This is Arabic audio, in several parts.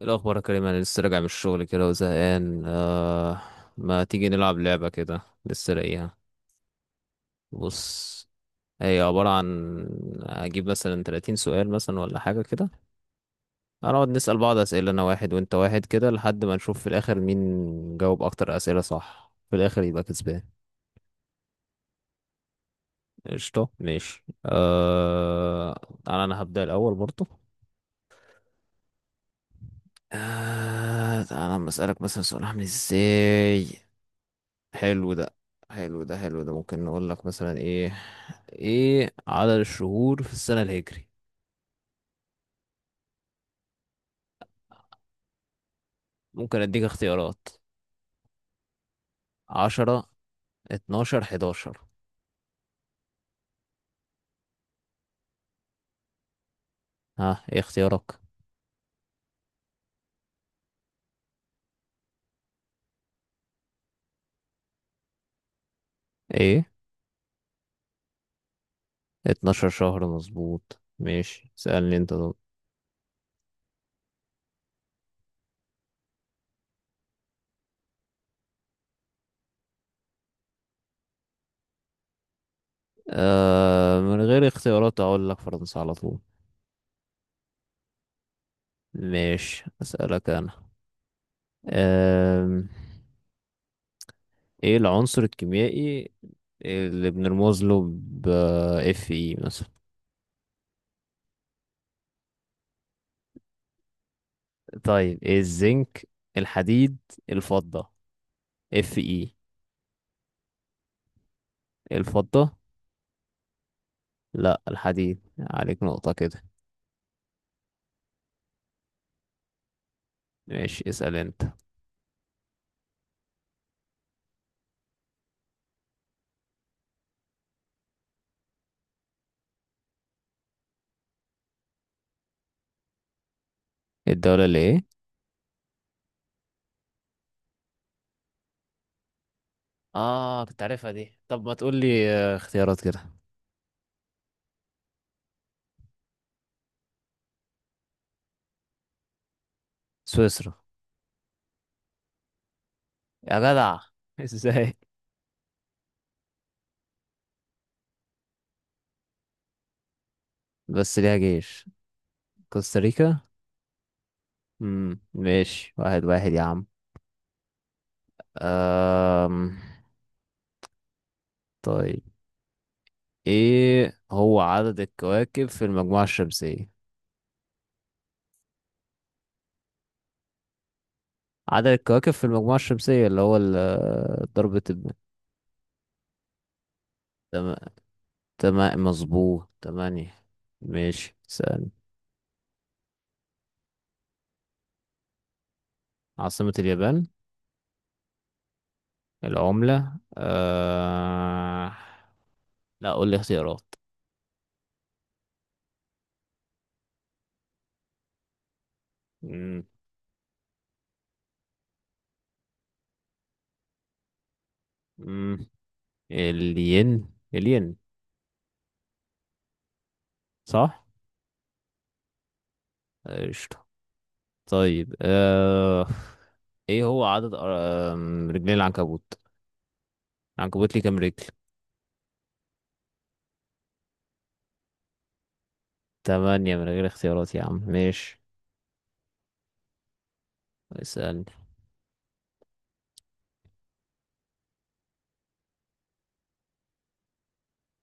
إيه الأخبار يا كريم؟ أنا لسه راجع من الشغل كده وزهقان. ما تيجي نلعب لعبة كده؟ لسه لاقيها. بص، هي عبارة عن أجيب مثلا 30 سؤال مثلا ولا حاجة كده، هنقعد نسأل بعض أسئلة، أنا واحد وأنت واحد كده لحد ما نشوف في الآخر مين جاوب أكتر أسئلة صح، في الآخر يبقى كسبان. قشطة، ماشي. أنا هبدأ الأول برضه. تعالى أما أسألك مثلا سؤال، عامل إزاي؟ حلو ده، حلو ده، حلو ده. ممكن نقول لك مثلا ايه، ايه عدد الشهور في السنة الهجري؟ ممكن اديك اختيارات. 10، 12، 11. ها، ايه اختيارك؟ ايه؟ 12 شهر، مظبوط. ماشي، سألني انت طب. من غير اختيارات اقول لك فرنسا على طول. ماشي، اسألك انا. آه ايه العنصر الكيميائي اللي بنرمز له ب اف اي مثلا؟ طيب، إيه، الزنك، الحديد، الفضة، اف اي؟ الفضة؟ لا، الحديد، عليك نقطة كده. ماشي، اسأل انت. الدولة اللي ايه؟ اه، كنت عارفها دي، طب ما تقول لي اختيارات كده. سويسرا. يا جدع ازاي؟ بس ليها جيش. كوستاريكا. ماشي، واحد واحد يا عم. أم... طيب، ايه هو عدد الكواكب في المجموعة الشمسية؟ عدد الكواكب في المجموعة الشمسية، اللي هو ضربة. تمام، تمام مظبوط، تمانية. ماشي، سأل. عاصمة اليابان؟ العملة؟ لا، قول لي اختيارات. مم. مم. الين، الين. صح. قشطة. طيب ايه هو عدد رجلين العنكبوت؟ العنكبوت ليه كام رجل؟ تمانية، من غير اختيارات يا عم، ماشي. اسألني.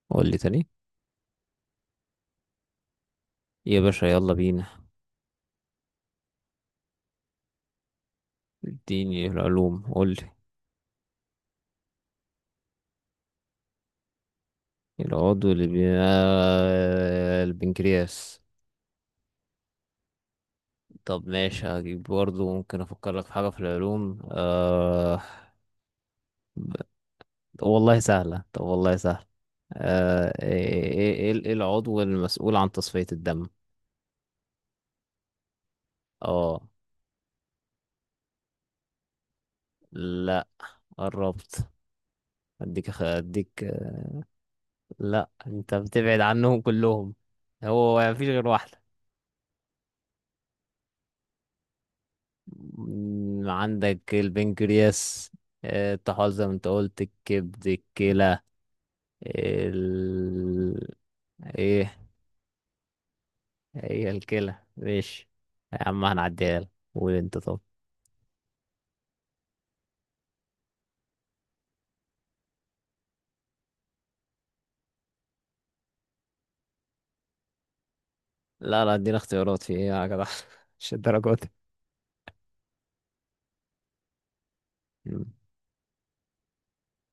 قول لي تاني. يا باشا يلا بينا، اديني العلوم، قول لي. العضو اللي بي... آه، البنكرياس. طب ماشي، هجيب برضه، ممكن افكر لك في حاجة في العلوم. والله سهلة، طب والله سهلة. ايه ايه ايه إيه إيه العضو المسؤول عن تصفية الدم؟ اه، لا، قربت. اديك اديك لا، انت بتبعد عنهم كلهم، هو مفيش غير واحدة. عندك البنكرياس، التحالظم، انت قلت الكبد، الكلى، ال... ايه. هي الكلى، ماشي يا عم، هنعديها لك. قول انت طب. لا لا، ادينا اختيارات، في ايه يا جدع؟ مش الدرجات دي. مم.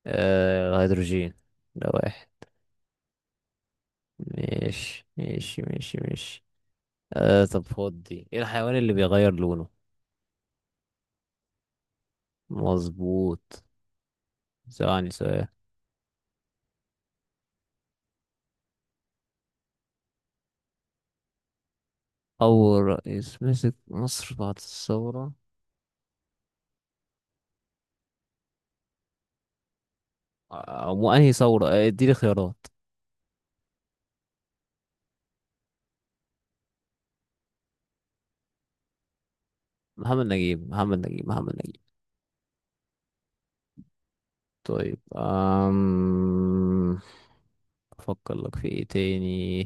هيدروجين، ده واحد. ماشي ماشي ماشي ماشي. طب خد دي، ايه الحيوان اللي بيغير لونه؟ مظبوط. ثواني، سؤال. اول رئيس مسك مصر بعد الثورة؟ وانهي ثورة؟ اديني خيارات. محمد نجيب، محمد نجيب، محمد نجيب. طيب أفكر لك في إيه تاني؟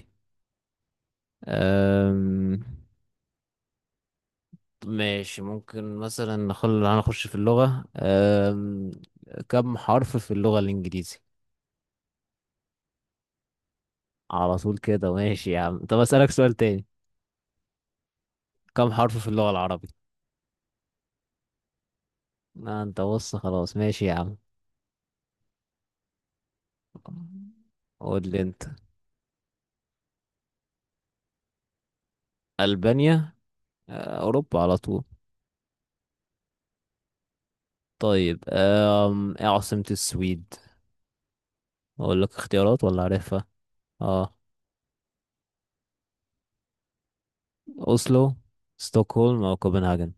أم... ماشي، ممكن مثلا هنخش في اللغة. كم حرف في اللغة الإنجليزي؟ على طول كده، ماشي يا عم، طب أسألك سؤال تاني. كم حرف في اللغة العربي؟ أنت بص، خلاص، ماشي يا عم. قول لي أنت. ألبانيا؟ أوروبا على طول. طيب إيه عاصمة السويد؟ أقول لك اختيارات ولا عارفها؟ اه، أوسلو، ستوكهولم أو كوبنهاجن.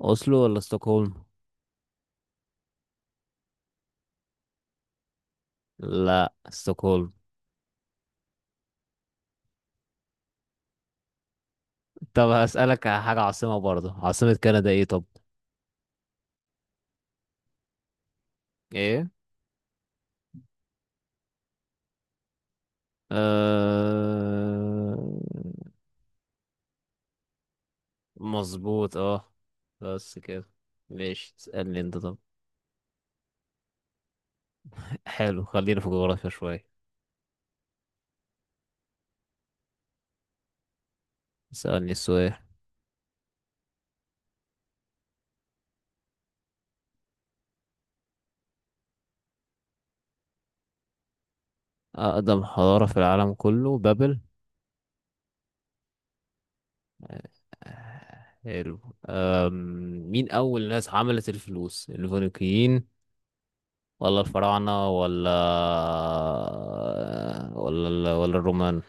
أوسلو ولا ستوكهولم؟ لا، ستوكهولم. طب هسألك على حاجة عاصمة برضه، عاصمة كندا إيه طب؟ إيه؟ أه... مظبوط، أه. بس كده. ماشي، تسألني أنت طب. حلو، خلينا في جغرافيا شوية. اسألني السؤال. أقدم حضارة في العالم كله، بابل. حلو. أم... مين أول ناس عملت الفلوس، الفينيقيين ولا الفراعنة ولا ولا ولا الرومان؟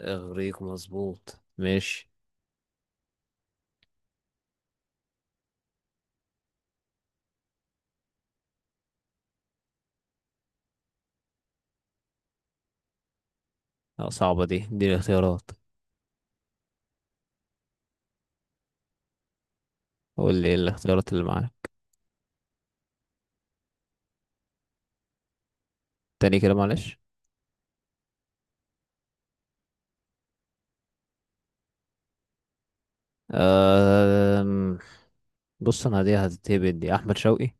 اغريق، مظبوط، ماشي. لا، صعبة دي، الاختيارات، قول لي ايه الاختيارات اللي معاك. تاني كده معلش. أم... بص، انا دي هتتهبد، دي احمد شوقي.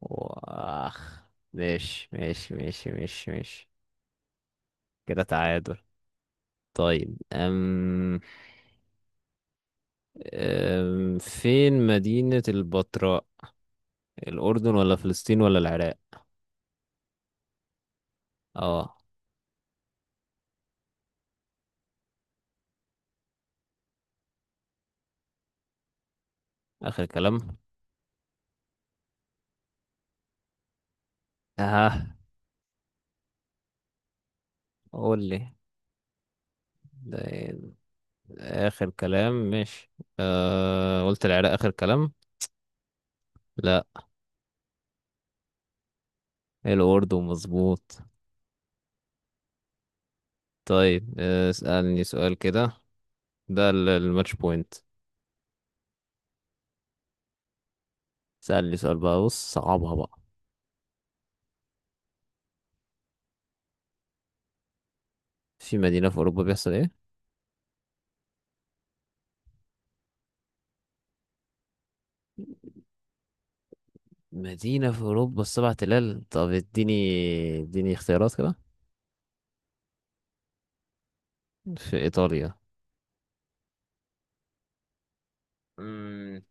واخ. ماشي ماشي ماشي ماشي ماشي، كده تعادل. طيب فين مدينة البتراء، الأردن ولا فلسطين ولا العراق؟ اه. آخر كلام؟ ها، قول لي. ده إيه؟ آخر كلام، مش، قلت العراق آخر كلام؟ لا. الأردن مظبوط. طيب اسألني سؤال كده، ده الماتش بوينت. اسألني سؤال بقى، بص، صعبها بقى. في مدينة في أوروبا بيحصل إيه؟ مدينة في أوروبا السبع تلال؟ طب اديني، اديني اختيارات كده. في إيطاليا؟ مم.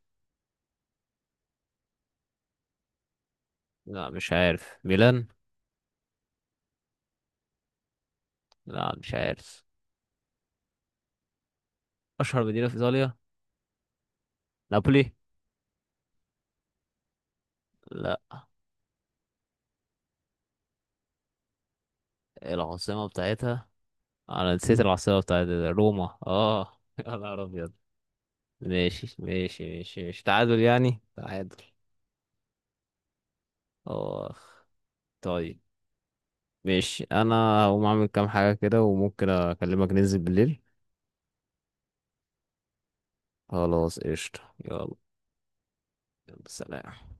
لا، مش عارف، ميلان؟ لا، مش عارف. أشهر مدينة في إيطاليا؟ نابولي؟ لا. العاصمة بتاعتها، انا نسيت العاصمة بتاعت، روما. اه يا نهار ابيض. ماشي ماشي ماشي ماشي، تعادل يعني، تعادل. اخ. طيب، ماشي، انا هقوم اعمل كام حاجة كده، وممكن اكلمك ننزل بالليل. خلاص، قشطة، يلا. يلا سلام.